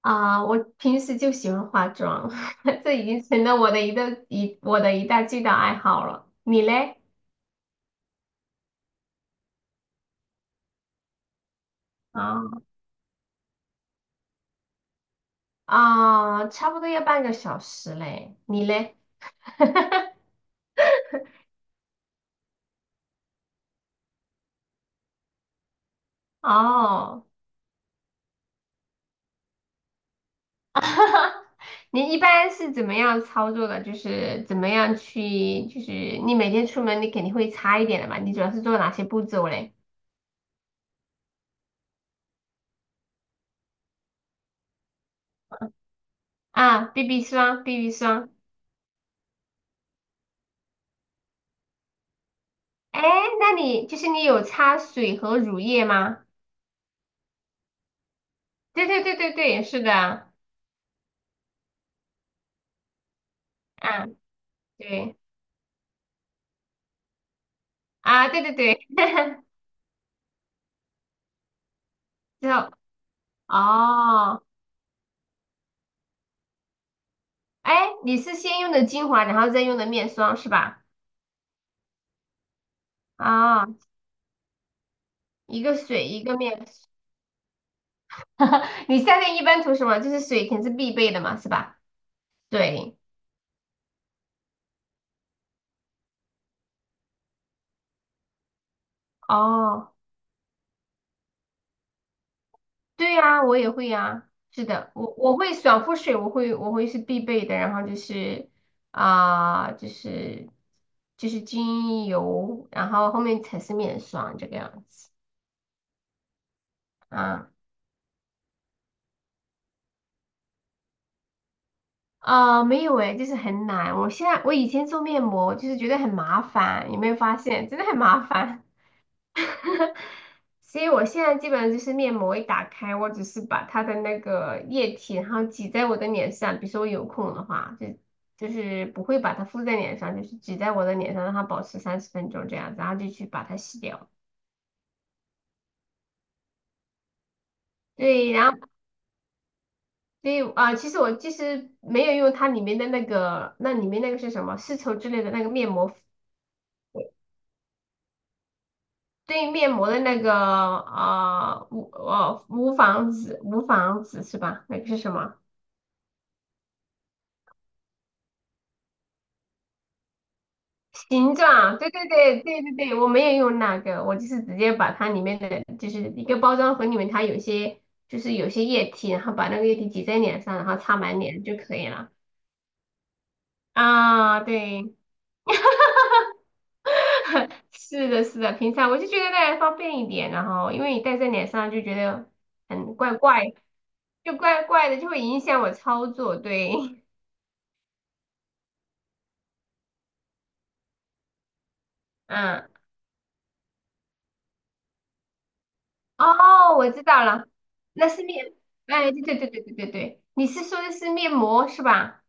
我平时就喜欢化妆，这已经成了我的一个一我的最大爱好了。你嘞？啊，差不多要半个小时嘞。你嘞？哦，你一般是怎么样操作的？就是怎么样去，就是你每天出门你肯定会擦一点的嘛。你主要是做哪些步骤嘞？BB 霜，BB 霜。哎，那你就是你有擦水和乳液吗？对对对对对，是的。嗯，对啊，对对对，之后，哦，哎，你是先用的精华，然后再用的面霜是吧？啊、一个水一个面霜，你夏天一般涂什么？就是水肯定是必备的嘛，是吧？对，哦，对呀、我也会呀、是的，我会爽肤水，我会是必备的，然后就是啊、就是就是精油，然后后面才是面霜这个样子。啊。没有诶，就是很难。我现在我以前做面膜就是觉得很麻烦，有没有发现？真的很麻烦。所以我现在基本上就是面膜一打开，我只是把它的那个液体，然后挤在我的脸上。比如说我有空的话，就是不会把它敷在脸上，就是挤在我的脸上，让它保持30分钟这样子，然后就去把它洗掉。对，然后所以其实没有用它里面的那个，那里面那个是什么丝绸之类的那个面膜对面膜的那个无纺织是吧？那个是什么形状？对对对对对对，我没有用那个，我就是直接把它里面的就是一个包装盒里面它有些液体，然后把那个液体挤在脸上，然后擦满脸就可以了。啊，对，是的，是的，平常我就觉得那样方便一点，然后因为你戴在脸上就觉得很怪怪，就怪怪的，就会影响我操作，对。嗯，哦，我知道了，那是面，哎，对对对对对对对，你是说的是面膜是吧？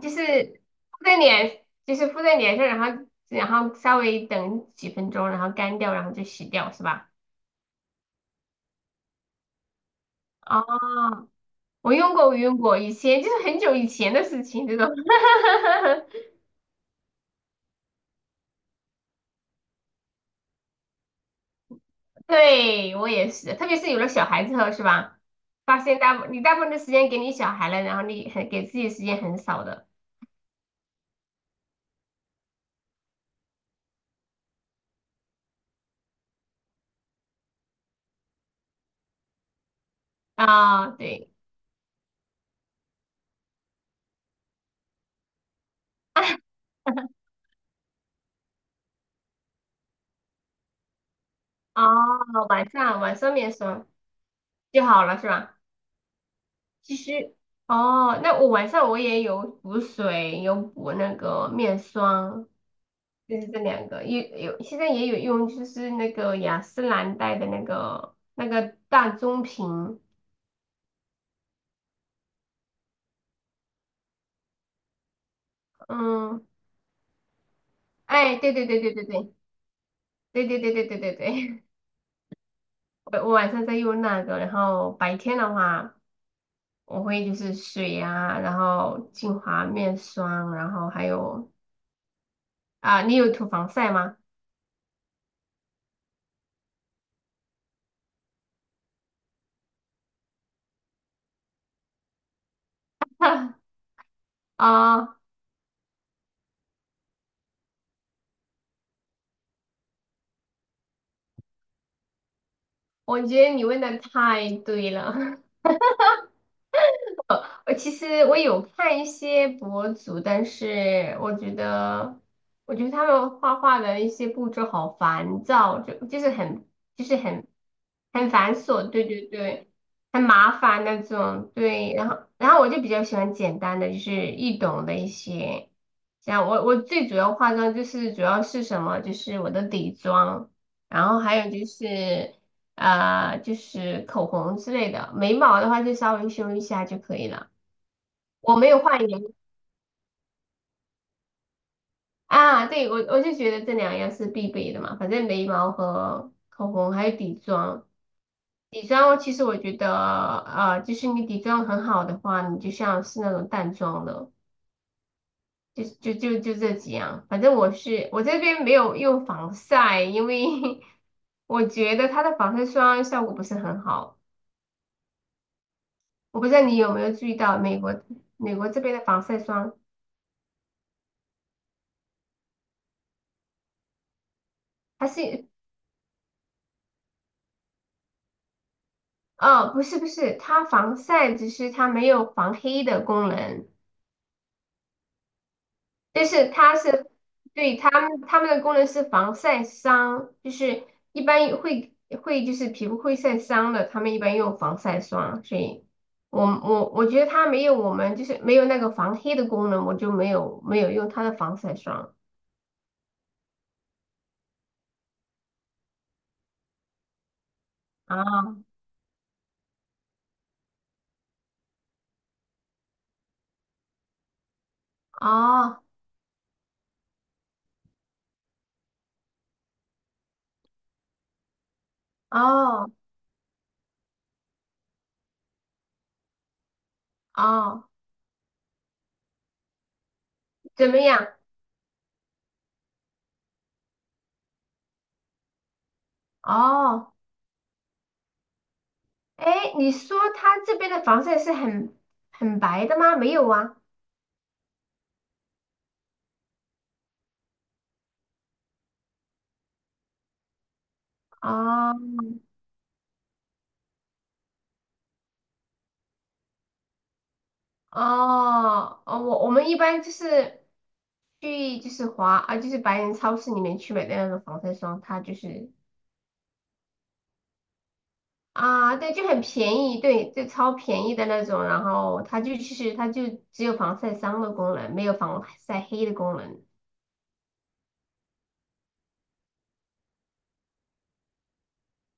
就是敷在脸，就是敷在脸上，然后稍微等几分钟，然后干掉，然后就洗掉是吧？哦，我用过，我用过，以前就是很久以前的事情，这种，对，我也是，特别是有了小孩之后是吧？发现你大部分的时间给你小孩了，然后你很给自己的时间很少的，啊，对。哦，晚上面霜就好了是吧？其实，哦，那我晚上我也有补水，有补那个面霜，就是这两个，有现在也有用，就是那个雅诗兰黛的那个那个大棕瓶，嗯，哎，对对对对对对对对对对对对对，我晚上在用那个，然后白天的话我会就是水啊，然后精华面霜，然后还有啊，你有涂防晒吗？啊，我觉得你问的太对了，我其实我有看一些博主，但是我觉得，他们画画的一些步骤好烦躁，就就是很就是很很繁琐，对对对，很麻烦那种，对。然后然后我就比较喜欢简单的，就是易懂的一些。像我最主要化妆就是主要是什么，就是我的底妆，然后还有就是。就是口红之类的，眉毛的话就稍微修一下就可以了。我没有画眼，啊，对，我就觉得这两样是必备的嘛，反正眉毛和口红还有底妆。底妆其实我觉得，就是你底妆很好的话，你就像是那种淡妆了，就这几样。反正我这边没有用防晒，因为 我觉得它的防晒霜效果不是很好。我不知道你有没有注意到美国这边的防晒霜，它是，哦，不是不是，它防晒只是它没有防黑的功能，但是它是，对，它们的功能是防晒伤，就是一般也会就是皮肤会晒伤的，他们一般用防晒霜，所以我觉得它没有我们就是没有那个防黑的功能，我就没有用它的防晒霜，啊，哦哦哦，怎么样？哦，哎，你说它这边的防晒是很白的吗？没有啊。哦哦哦，我们一般就是去就是华啊，就是白人超市里面去买的那种防晒霜，它就是啊，对，就很便宜，对，就超便宜的那种，然后它就其实它就只有防晒伤的功能，没有防晒黑的功能。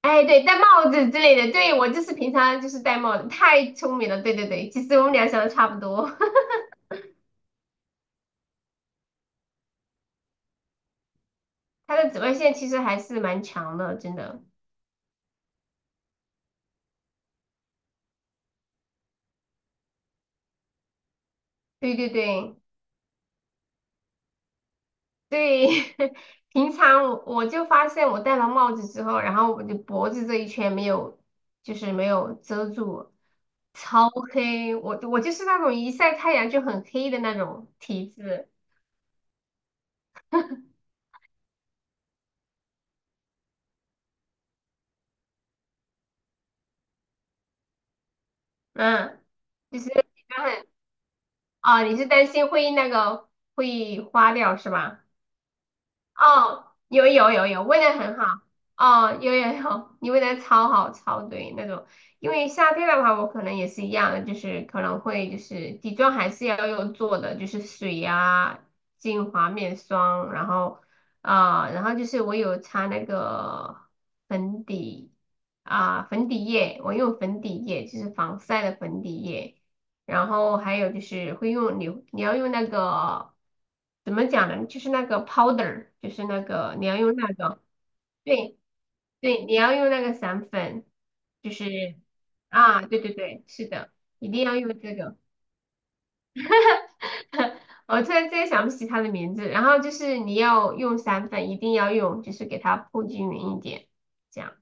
哎，对，戴帽子之类的，对，我就是平常就是戴帽子，太聪明了，对对对，其实我们俩想的差不多，它的紫外线其实还是蛮强的，真的，对对对。对，平常我就发现我戴了帽子之后，然后我的脖子这一圈没有，就是没有遮住，超黑。我就是那种一晒太阳就很黑的那种体质，嗯，就是很，啊，你是担心会那个会花掉是吧？哦，有有有有，问的很好。哦，有有有，你问的超好超对那种。因为夏天的话，我可能也是一样的，就是可能会就是底妆还是要用做的，就是水呀、精华、面霜，然后然后就是我有擦那个粉底粉底液，我用粉底液，就是防晒的粉底液。然后还有就是会用你要用那个怎么讲呢？就是那个 powder,就是那个你要用那个对对，你要用那个散粉，就是啊，对对对，是的，一定要用这个。我突然之间想不起它的名字。然后就是你要用散粉，一定要用，就是给它铺均匀一点，这样。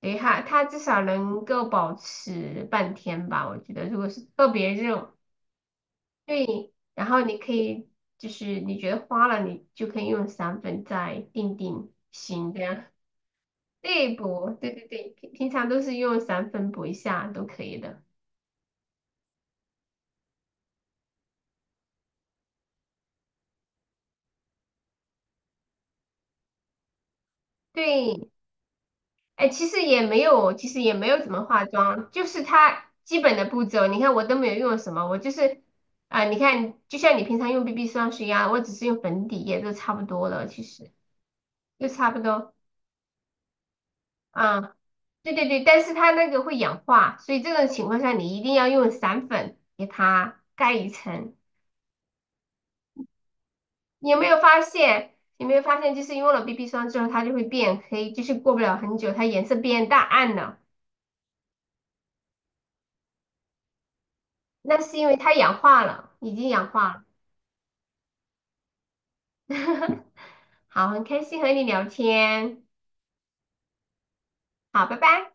对，它它至少能够保持半天吧，我觉得。如果是特别热。对，然后你可以就是你觉得花了，你就可以用散粉再定定型这样。对补，对对对，平常都是用散粉补一下都可以的。对，哎，其实也没有，其实也没有怎么化妆，就是它基本的步骤，你看我都没有用什么，我就是你看就像你平常用 BB 霜是一样，我只是用粉底液都差不多了，其实就差不多。啊，对对对，但是它那个会氧化，所以这种情况下你一定要用散粉给它盖一层。你有没有发现？有没有发现，就是用了 BB 霜之后，它就会变黑，就是过不了很久，它颜色变淡暗了。那是因为它氧化了，已经氧化了。好，很开心和你聊天，好，拜拜。